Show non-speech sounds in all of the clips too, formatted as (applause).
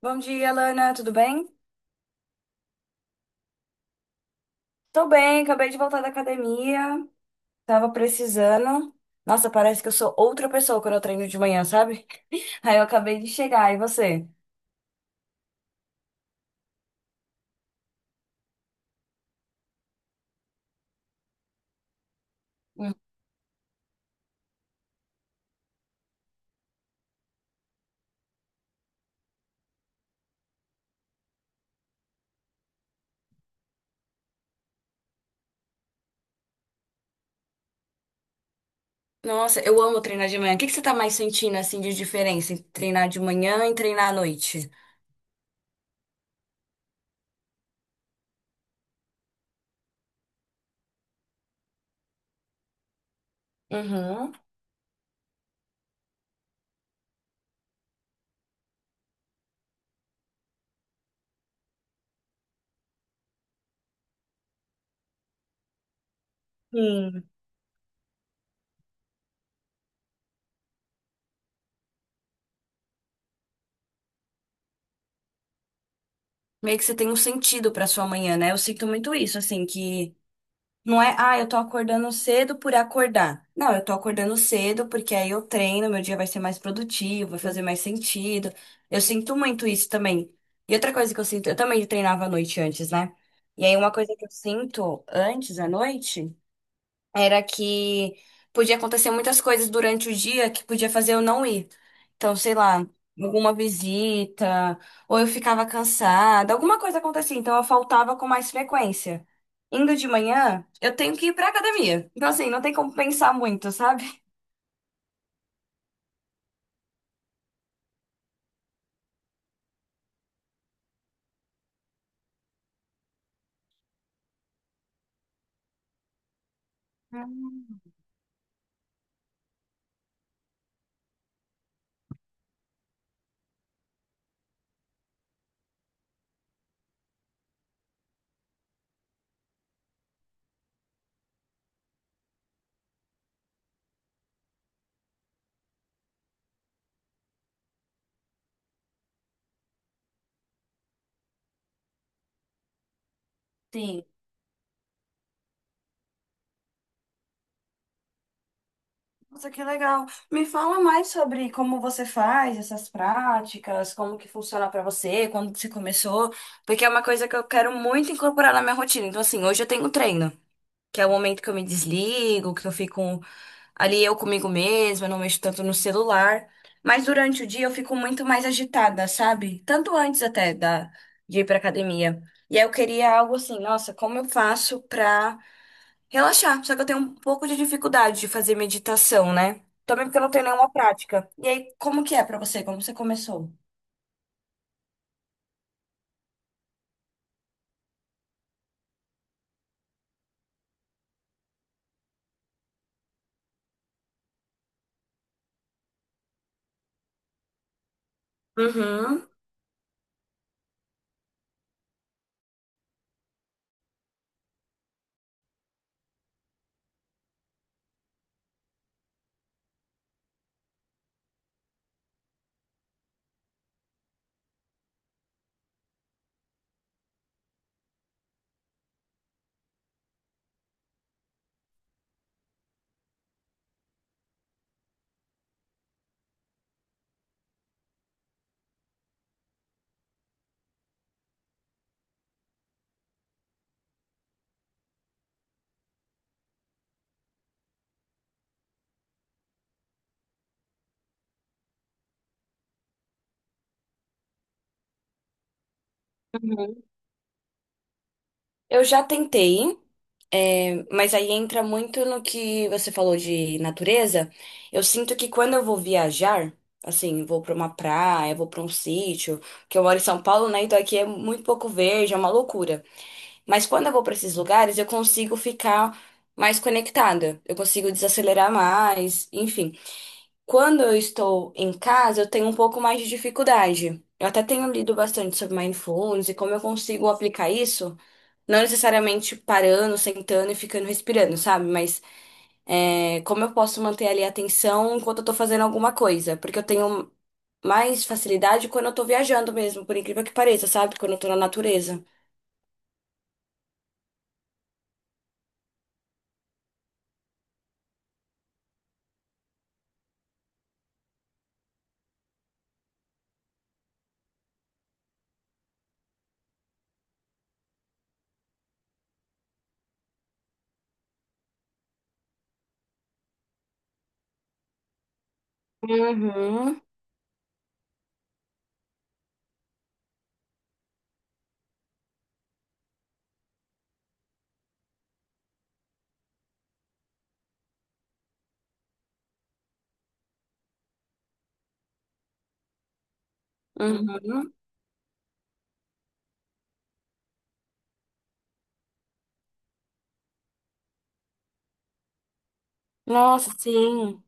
Bom dia, Lana, tudo bem? Tô bem, acabei de voltar da academia, tava precisando. Nossa, parece que eu sou outra pessoa quando eu treino de manhã, sabe? (laughs) Aí eu acabei de chegar, e você? Nossa, eu amo treinar de manhã. O que você tá mais sentindo, assim, de diferença entre treinar de manhã e treinar à noite? Uhum. Sim. Meio que você tem um sentido pra sua manhã, né? Eu sinto muito isso, assim. Que Não é, ah, eu tô acordando cedo por acordar. Não, eu tô acordando cedo porque aí eu treino, meu dia vai ser mais produtivo, vai fazer mais sentido. Eu sinto muito isso também. E outra coisa que eu sinto, eu também treinava à noite antes, né? E aí uma coisa que eu sinto antes, à noite, era que podia acontecer muitas coisas durante o dia que podia fazer eu não ir. Então, sei lá, alguma visita, ou eu ficava cansada, alguma coisa acontecia, então eu faltava com mais frequência. Indo de manhã, eu tenho que ir pra academia. Então, assim, não tem como pensar muito, sabe? Hum. Sim. Nossa, que legal. Me fala mais sobre como você faz essas práticas, como que funciona pra você, quando você começou, porque é uma coisa que eu quero muito incorporar na minha rotina. Então, assim, hoje eu tenho treino, que é o momento que eu me desligo, que eu fico ali eu comigo mesma, não mexo tanto no celular. Mas durante o dia eu fico muito mais agitada, sabe? Tanto antes até de ir pra academia. E aí eu queria algo assim, nossa, como eu faço pra relaxar? Só que eu tenho um pouco de dificuldade de fazer meditação, né? Também porque eu não tenho nenhuma prática. E aí, como que é pra você? Como você começou? Uhum. Uhum. Eu já tentei. Mas aí entra muito no que você falou de natureza. Eu sinto que quando eu vou viajar, assim, vou pra uma praia, vou pra um sítio, que eu moro em São Paulo, né? Então aqui é muito pouco verde, é uma loucura. Mas quando eu vou pra esses lugares, eu consigo ficar mais conectada, eu consigo desacelerar mais, enfim. Quando eu estou em casa, eu tenho um pouco mais de dificuldade. Eu até tenho lido bastante sobre mindfulness e como eu consigo aplicar isso. Não necessariamente parando, sentando e ficando respirando, sabe? Mas como eu posso manter ali a atenção enquanto eu tô fazendo alguma coisa? Porque eu tenho mais facilidade quando eu tô viajando mesmo, por incrível que pareça, sabe? Quando eu tô na natureza. Uhum, uhum. Nossa, sim.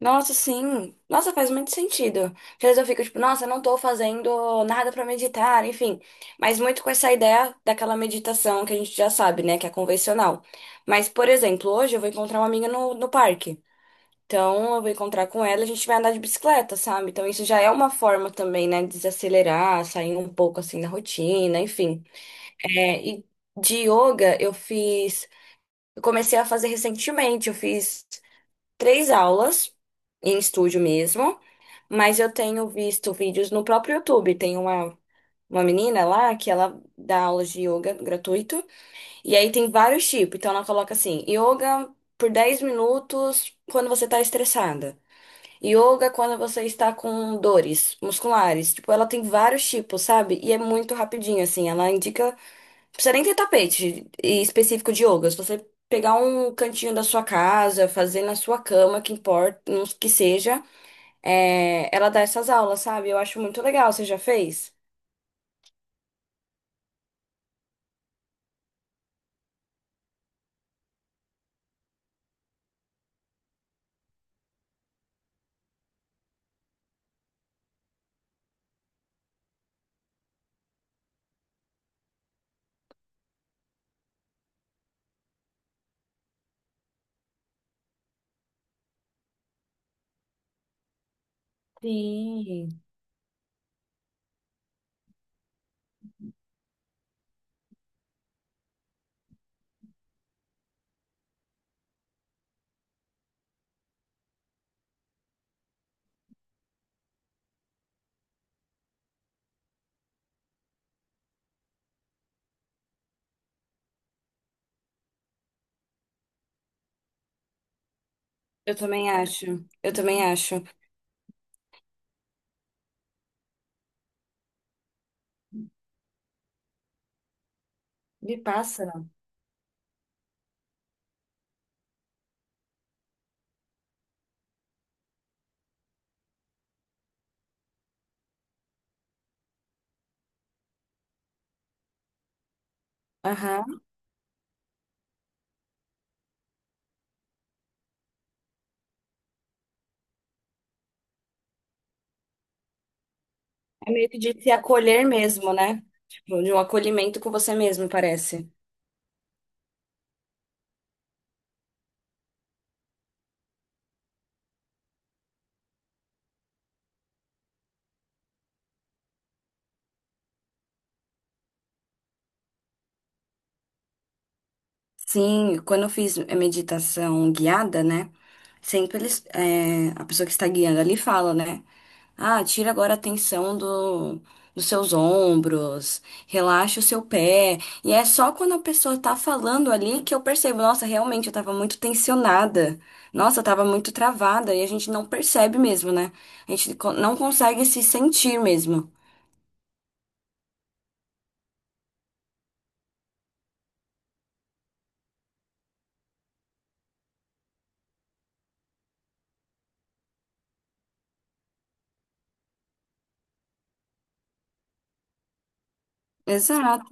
Nossa, sim. Nossa, faz muito sentido. Às vezes eu fico tipo, nossa, não tô fazendo nada pra meditar, enfim. Mas muito com essa ideia daquela meditação que a gente já sabe, né? Que é convencional. Mas, por exemplo, hoje eu vou encontrar uma amiga no parque. Então, eu vou encontrar com ela, a gente vai andar de bicicleta, sabe? Então, isso já é uma forma também, né, de desacelerar, sair um pouco assim da rotina, enfim. É, e de yoga, eu comecei a fazer recentemente, eu fiz três aulas em estúdio mesmo, mas eu tenho visto vídeos no próprio YouTube. Uma menina lá que ela dá aulas de yoga gratuito, e aí tem vários tipos. Então, ela coloca assim, yoga por 10 minutos quando você tá estressada. Yoga é quando você está com dores musculares. Tipo, ela tem vários tipos, sabe? E é muito rapidinho, assim. Ela indica. Não precisa nem ter tapete específico de yoga. Se você pegar um cantinho da sua casa, fazer na sua cama, que importa, que seja, ela dá essas aulas, sabe? Eu acho muito legal. Você já fez? Sim. Eu também acho. Eu também acho. Me passa, não. Aham. É meio que de se acolher mesmo, né? Tipo, de um acolhimento com você mesmo, parece. Sim, quando eu fiz a meditação guiada, né? Sempre eles, a pessoa que está guiando ali fala, né? Ah, tira agora a tensão dos seus ombros, relaxa o seu pé. E é só quando a pessoa tá falando ali que eu percebo, nossa, realmente eu tava muito tensionada. Nossa, eu tava muito travada. E a gente não percebe mesmo, né? Não consegue se sentir mesmo. Exato.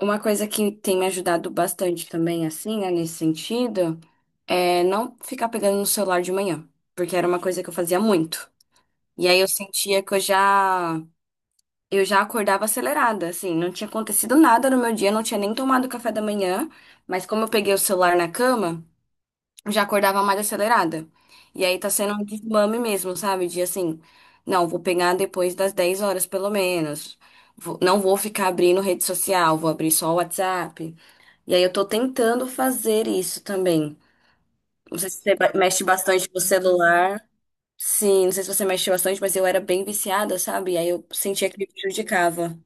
Uma coisa que tem me ajudado bastante também, assim, né, nesse sentido, é não ficar pegando no celular de manhã, porque era uma coisa que eu fazia muito. E aí eu sentia que eu já acordava acelerada, assim, não tinha acontecido nada no meu dia, não tinha nem tomado café da manhã, mas como eu peguei o celular na cama, eu já acordava mais acelerada. E aí tá sendo um desmame mesmo, sabe? De assim, não, vou pegar depois das 10 horas pelo menos. Não vou ficar abrindo rede social, vou abrir só o WhatsApp. E aí eu tô tentando fazer isso também. Não sei se você mexe bastante no celular. Sim, não sei se você mexe bastante, mas eu era bem viciada, sabe? E aí eu sentia que me prejudicava.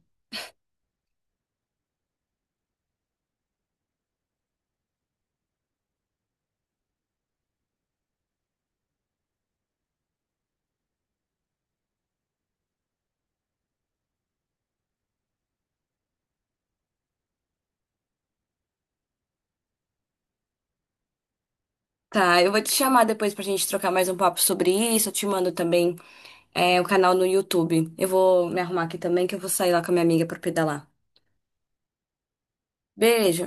Tá, eu vou te chamar depois pra gente trocar mais um papo sobre isso. Eu te mando também o canal no YouTube. Eu vou me arrumar aqui também, que eu vou sair lá com a minha amiga pra pedalar. Beijo!